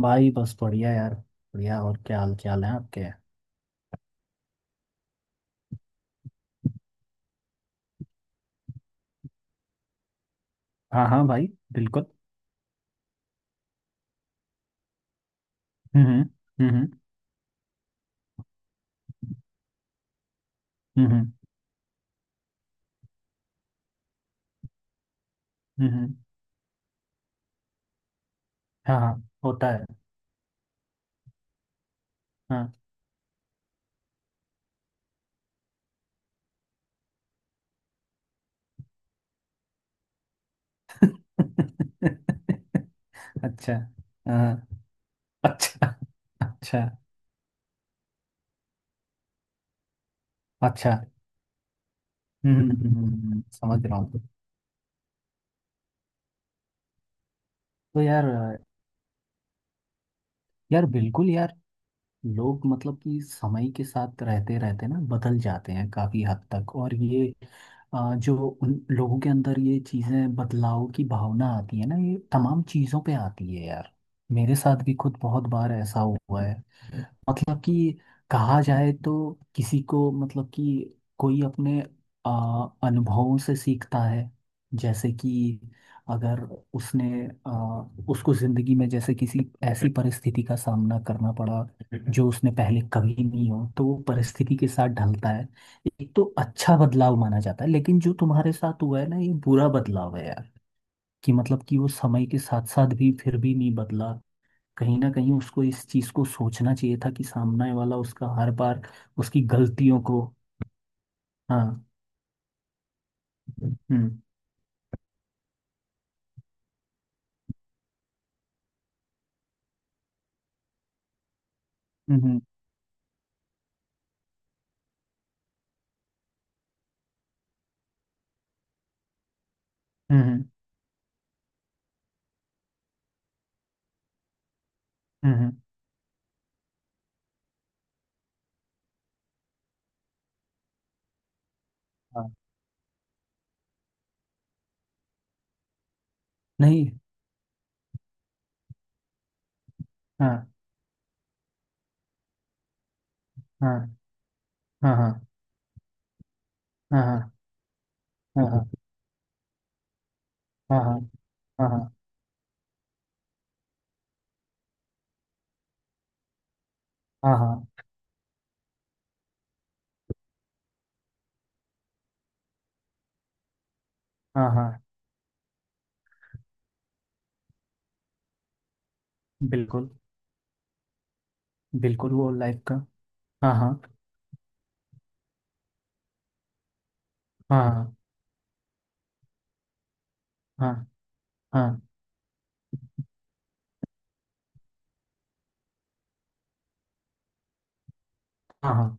भाई बस बढ़िया यार, बढ़िया। और क्या हाल है आपके? हाँ हाँ भाई। बिल्कुल। हम्म। हम्म। हम्म। हम्म। हम्म, हम्म, हम्म। हाँ हाँ, होता है। हाँ। अच्छा। हाँ। अच्छा। अच्छा। अच्छा। हम्म। समझ रहा हूँ। तो यार, यार बिल्कुल यार। लोग मतलब कि समय के साथ रहते रहते ना बदल जाते हैं काफी हद तक। और ये जो उन लोगों के अंदर ये चीजें बदलाव की भावना आती है ना, ये तमाम चीजों पे आती है यार। मेरे साथ भी खुद बहुत बार ऐसा हुआ है। मतलब कि कहा जाए तो किसी को, मतलब कि कोई अपने अनुभवों से सीखता है। जैसे कि अगर उसने आ, उसको जिंदगी में जैसे किसी ऐसी परिस्थिति का सामना करना पड़ा जो उसने पहले कभी नहीं हो, तो वो परिस्थिति के साथ ढलता है। एक तो अच्छा बदलाव माना जाता है, लेकिन जो तुम्हारे साथ हुआ है ना, ये बुरा बदलाव है यार। कि मतलब कि वो समय के साथ साथ भी फिर भी नहीं बदला। कहीं ना कहीं उसको इस चीज को सोचना चाहिए था कि सामने वाला उसका हर बार उसकी गलतियों को। हाँ। हम्म। हम्म। हम्म। हम्म। हम्म, हम्म, हाँ। नहीं। हाँ हाँ हाँ हाँ हाँ। हाँ हाँ हाँ हाँ हाँ। हाँ हाँ हाँ, हाँ, हाँ, हाँ, बिल्कुल। बिल्कुल। वो लाइफ का हाँ हाँ हाँ हाँ हाँ। हाँ हाँ।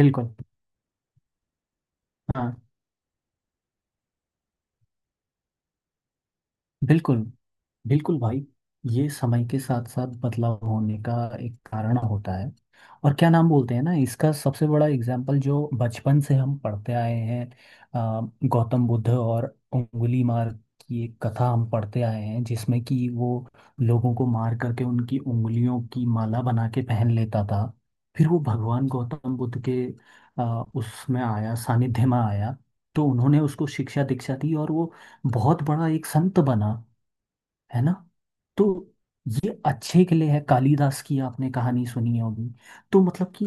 बिल्कुल। हाँ। बिल्कुल। बिल्कुल भाई। ये समय के साथ साथ बदलाव होने का एक कारण होता है। और क्या नाम बोलते हैं ना, इसका सबसे बड़ा एग्जाम्पल जो बचपन से हम पढ़ते आए हैं। गौतम बुद्ध और उंगली मार की एक कथा हम पढ़ते आए हैं जिसमें कि वो लोगों को मार करके उनकी उंगलियों की माला बना के पहन लेता था। फिर वो भगवान गौतम बुद्ध के उसमें आया, सानिध्य में आया। तो उन्होंने उसको शिक्षा दीक्षा दी और वो बहुत बड़ा एक संत बना। है ना। तो ये अच्छे के लिए है। कालिदास की आपने कहानी सुनी होगी। तो मतलब कि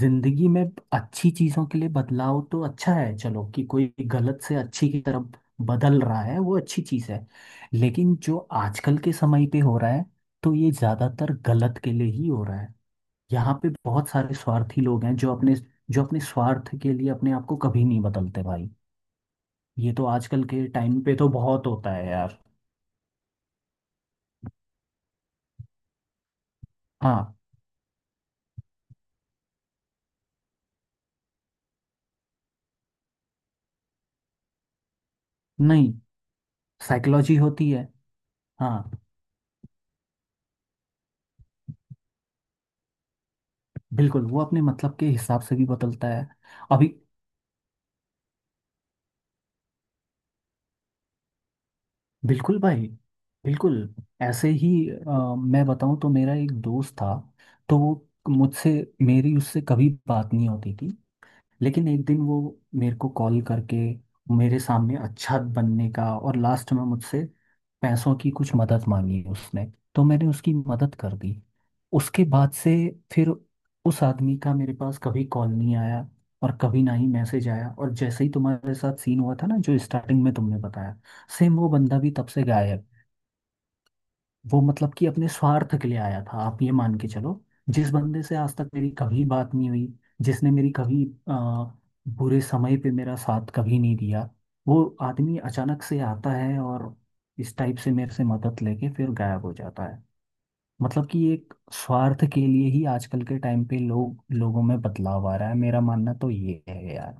जिंदगी में अच्छी चीजों के लिए बदलाव तो अच्छा है, चलो, कि कोई गलत से अच्छी की तरफ बदल रहा है, वो अच्छी चीज है। लेकिन जो आजकल के समय पे हो रहा है, तो ये ज्यादातर गलत के लिए ही हो रहा है। यहाँ पे बहुत सारे स्वार्थी लोग हैं जो अपने स्वार्थ के लिए अपने आप को कभी नहीं बदलते भाई। ये तो आजकल के टाइम पे तो बहुत होता है यार। हाँ। नहीं, साइकोलॉजी होती है। हाँ। बिल्कुल, वो अपने मतलब के हिसाब से भी बदलता है। अभी। बिल्कुल भाई। बिल्कुल। ऐसे ही मैं बताऊं तो मेरा एक दोस्त था। तो वो मुझसे मेरी उससे कभी बात नहीं होती थी। लेकिन एक दिन वो मेरे को कॉल करके मेरे सामने अच्छा बनने का और लास्ट में मुझसे पैसों की कुछ मदद मांगी उसने। तो मैंने उसकी मदद कर दी। उसके बाद से फिर उस आदमी का मेरे पास कभी कॉल नहीं आया और कभी ना ही मैसेज आया। और जैसे ही तुम्हारे साथ सीन हुआ था ना जो स्टार्टिंग में तुमने बताया, सेम वो बंदा भी तब से गायब। वो मतलब कि अपने स्वार्थ के लिए आया था, आप ये मान के चलो। जिस बंदे से आज तक मेरी कभी बात नहीं हुई, जिसने मेरी कभी आ, बुरे समय पे मेरा साथ कभी नहीं दिया, वो आदमी अचानक से आता है और इस टाइप से मेरे से मदद लेके फिर गायब हो जाता है। मतलब कि एक स्वार्थ के लिए ही आजकल के टाइम पे लोग, लोगों में बदलाव आ रहा है, मेरा मानना तो ये है यार।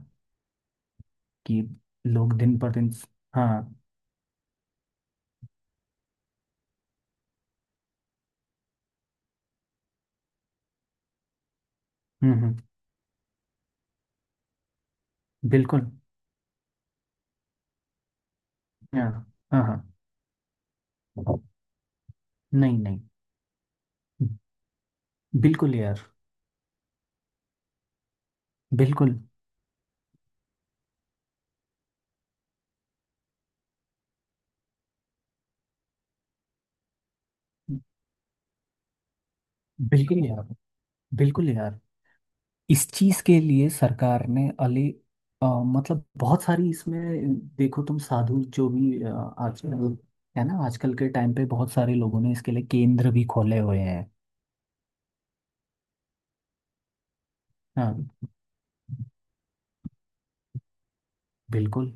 कि लोग दिन पर दिन। हाँ। हम्म। बिल्कुल। हाँ हाँ। हाँ। नहीं नहीं। बिल्कुल यार। बिल्कुल। बिल्कुल यार। बिल्कुल यार। इस चीज के लिए सरकार ने अली मतलब बहुत सारी इसमें देखो तुम, साधु जो भी आजकल, है ना, आजकल के टाइम पे बहुत सारे लोगों ने इसके लिए केंद्र भी खोले हुए हैं। हाँ। बिल्कुल।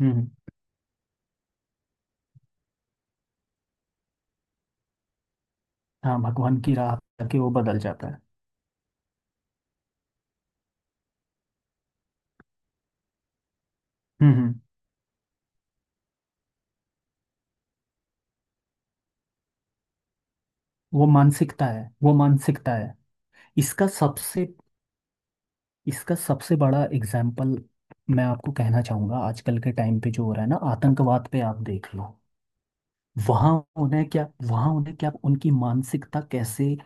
हम्म। हाँ, भगवान की राह करके वो बदल जाता है। हम्म हम्म, वो मानसिकता है, वो मानसिकता है। इसका सबसे इसका सबसे बड़ा एग्जाम्पल मैं आपको कहना चाहूंगा। आजकल के टाइम पे जो हो रहा है ना, आतंकवाद पे आप देख लो। वहां उन्हें क्या, उनकी मानसिकता कैसे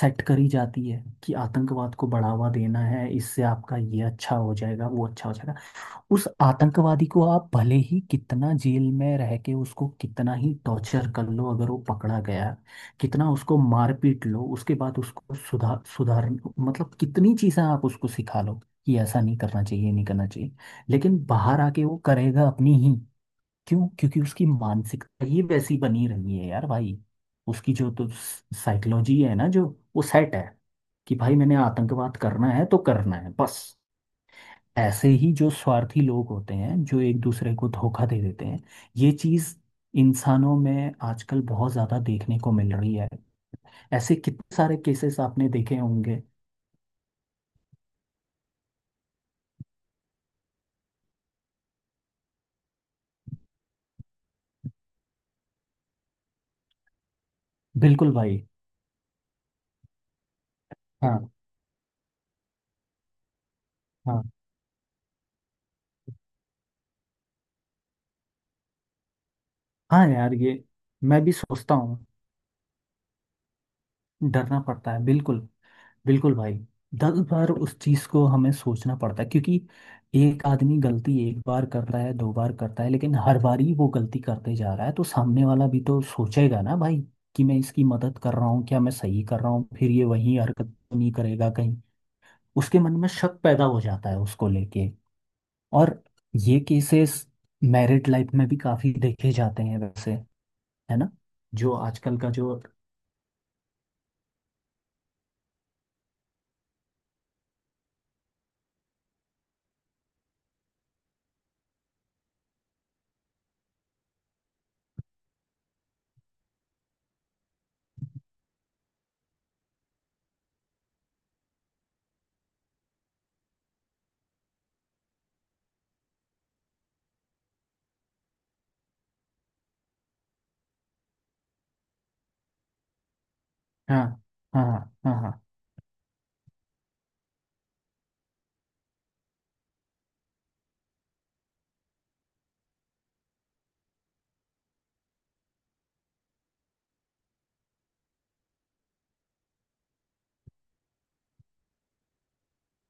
सेट करी जाती है, कि आतंकवाद को बढ़ावा देना है, इससे आपका ये अच्छा हो जाएगा, वो अच्छा हो जाएगा। उस आतंकवादी को आप भले ही कितना जेल में रह के उसको कितना ही टॉर्चर कर लो, अगर वो पकड़ा गया, कितना उसको मारपीट लो, उसके बाद उसको सुधार सुधार, मतलब कितनी चीजें आप उसको सिखा लो कि ऐसा नहीं करना चाहिए, ये नहीं करना चाहिए, लेकिन बाहर आके वो करेगा अपनी ही। क्यों? क्योंकि उसकी मानसिकता ही वैसी बनी रही है यार भाई। उसकी जो तो साइकोलॉजी है ना, जो वो सेट है, कि भाई मैंने आतंकवाद करना है तो करना है बस। ऐसे ही जो स्वार्थी लोग होते हैं जो एक दूसरे को धोखा दे देते हैं, ये चीज इंसानों में आजकल बहुत ज्यादा देखने को मिल रही है। ऐसे कितने सारे केसेस आपने देखे होंगे। बिल्कुल भाई। हाँ हाँ हाँ। यार ये, मैं भी सोचता हूँ, डरना पड़ता है बिल्कुल। बिल्कुल भाई। दस बार उस चीज़ को हमें सोचना पड़ता है, क्योंकि एक आदमी गलती एक बार करता है, दो बार करता है, लेकिन हर बार ही वो गलती करते जा रहा है, तो सामने वाला भी तो सोचेगा ना भाई, कि मैं इसकी मदद कर रहा हूँ, क्या मैं सही कर रहा हूँ, फिर ये वही हरकत तो नहीं करेगा कहीं। उसके मन में शक पैदा हो जाता है उसको लेके। और ये केसेस मैरिड लाइफ में भी काफ़ी देखे जाते हैं वैसे, है ना। जो आजकल का जो हाँ हाँ हाँ हाँ हाँ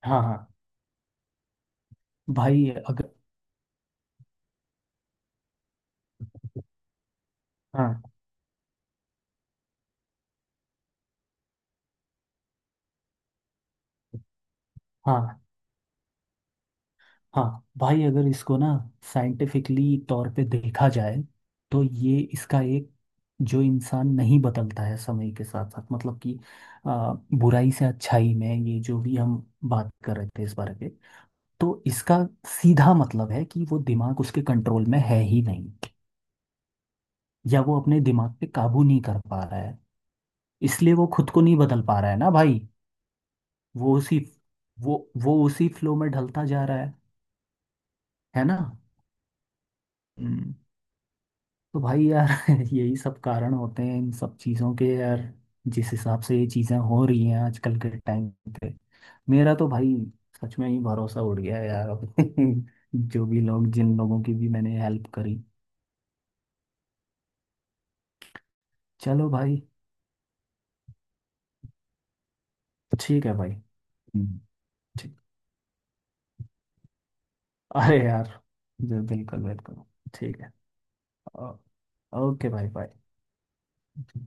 हाँ हाँ। भाई अगर हाँ हाँ हाँ भाई, अगर इसको ना साइंटिफिकली तौर पे देखा जाए, तो ये इसका एक, जो इंसान नहीं बदलता है समय के साथ साथ, मतलब कि आ, बुराई से अच्छाई में, ये जो भी हम बात कर रहे थे इस बारे पे, तो इसका सीधा मतलब है कि वो दिमाग उसके कंट्रोल में है ही नहीं, या वो अपने दिमाग पे काबू नहीं कर पा रहा है, इसलिए वो खुद को नहीं बदल पा रहा है ना भाई। वो उसी वो वो उसी फ्लो में ढलता जा रहा है। है ना। हम्म। तो भाई यार यही सब कारण होते हैं इन सब चीज़ों के यार। जिस हिसाब से ये चीज़ें हो रही हैं आजकल के टाइम पे, मेरा तो भाई सच में ही भरोसा उड़ गया है यार अब जो भी लोग, जिन लोगों की भी मैंने हेल्प करी। चलो भाई। ठीक है भाई। हम्म, ठीक। अरे यार, जी, बिल्कुल बिल्कुल। ठीक है। ओ- ओके भाई, बाय।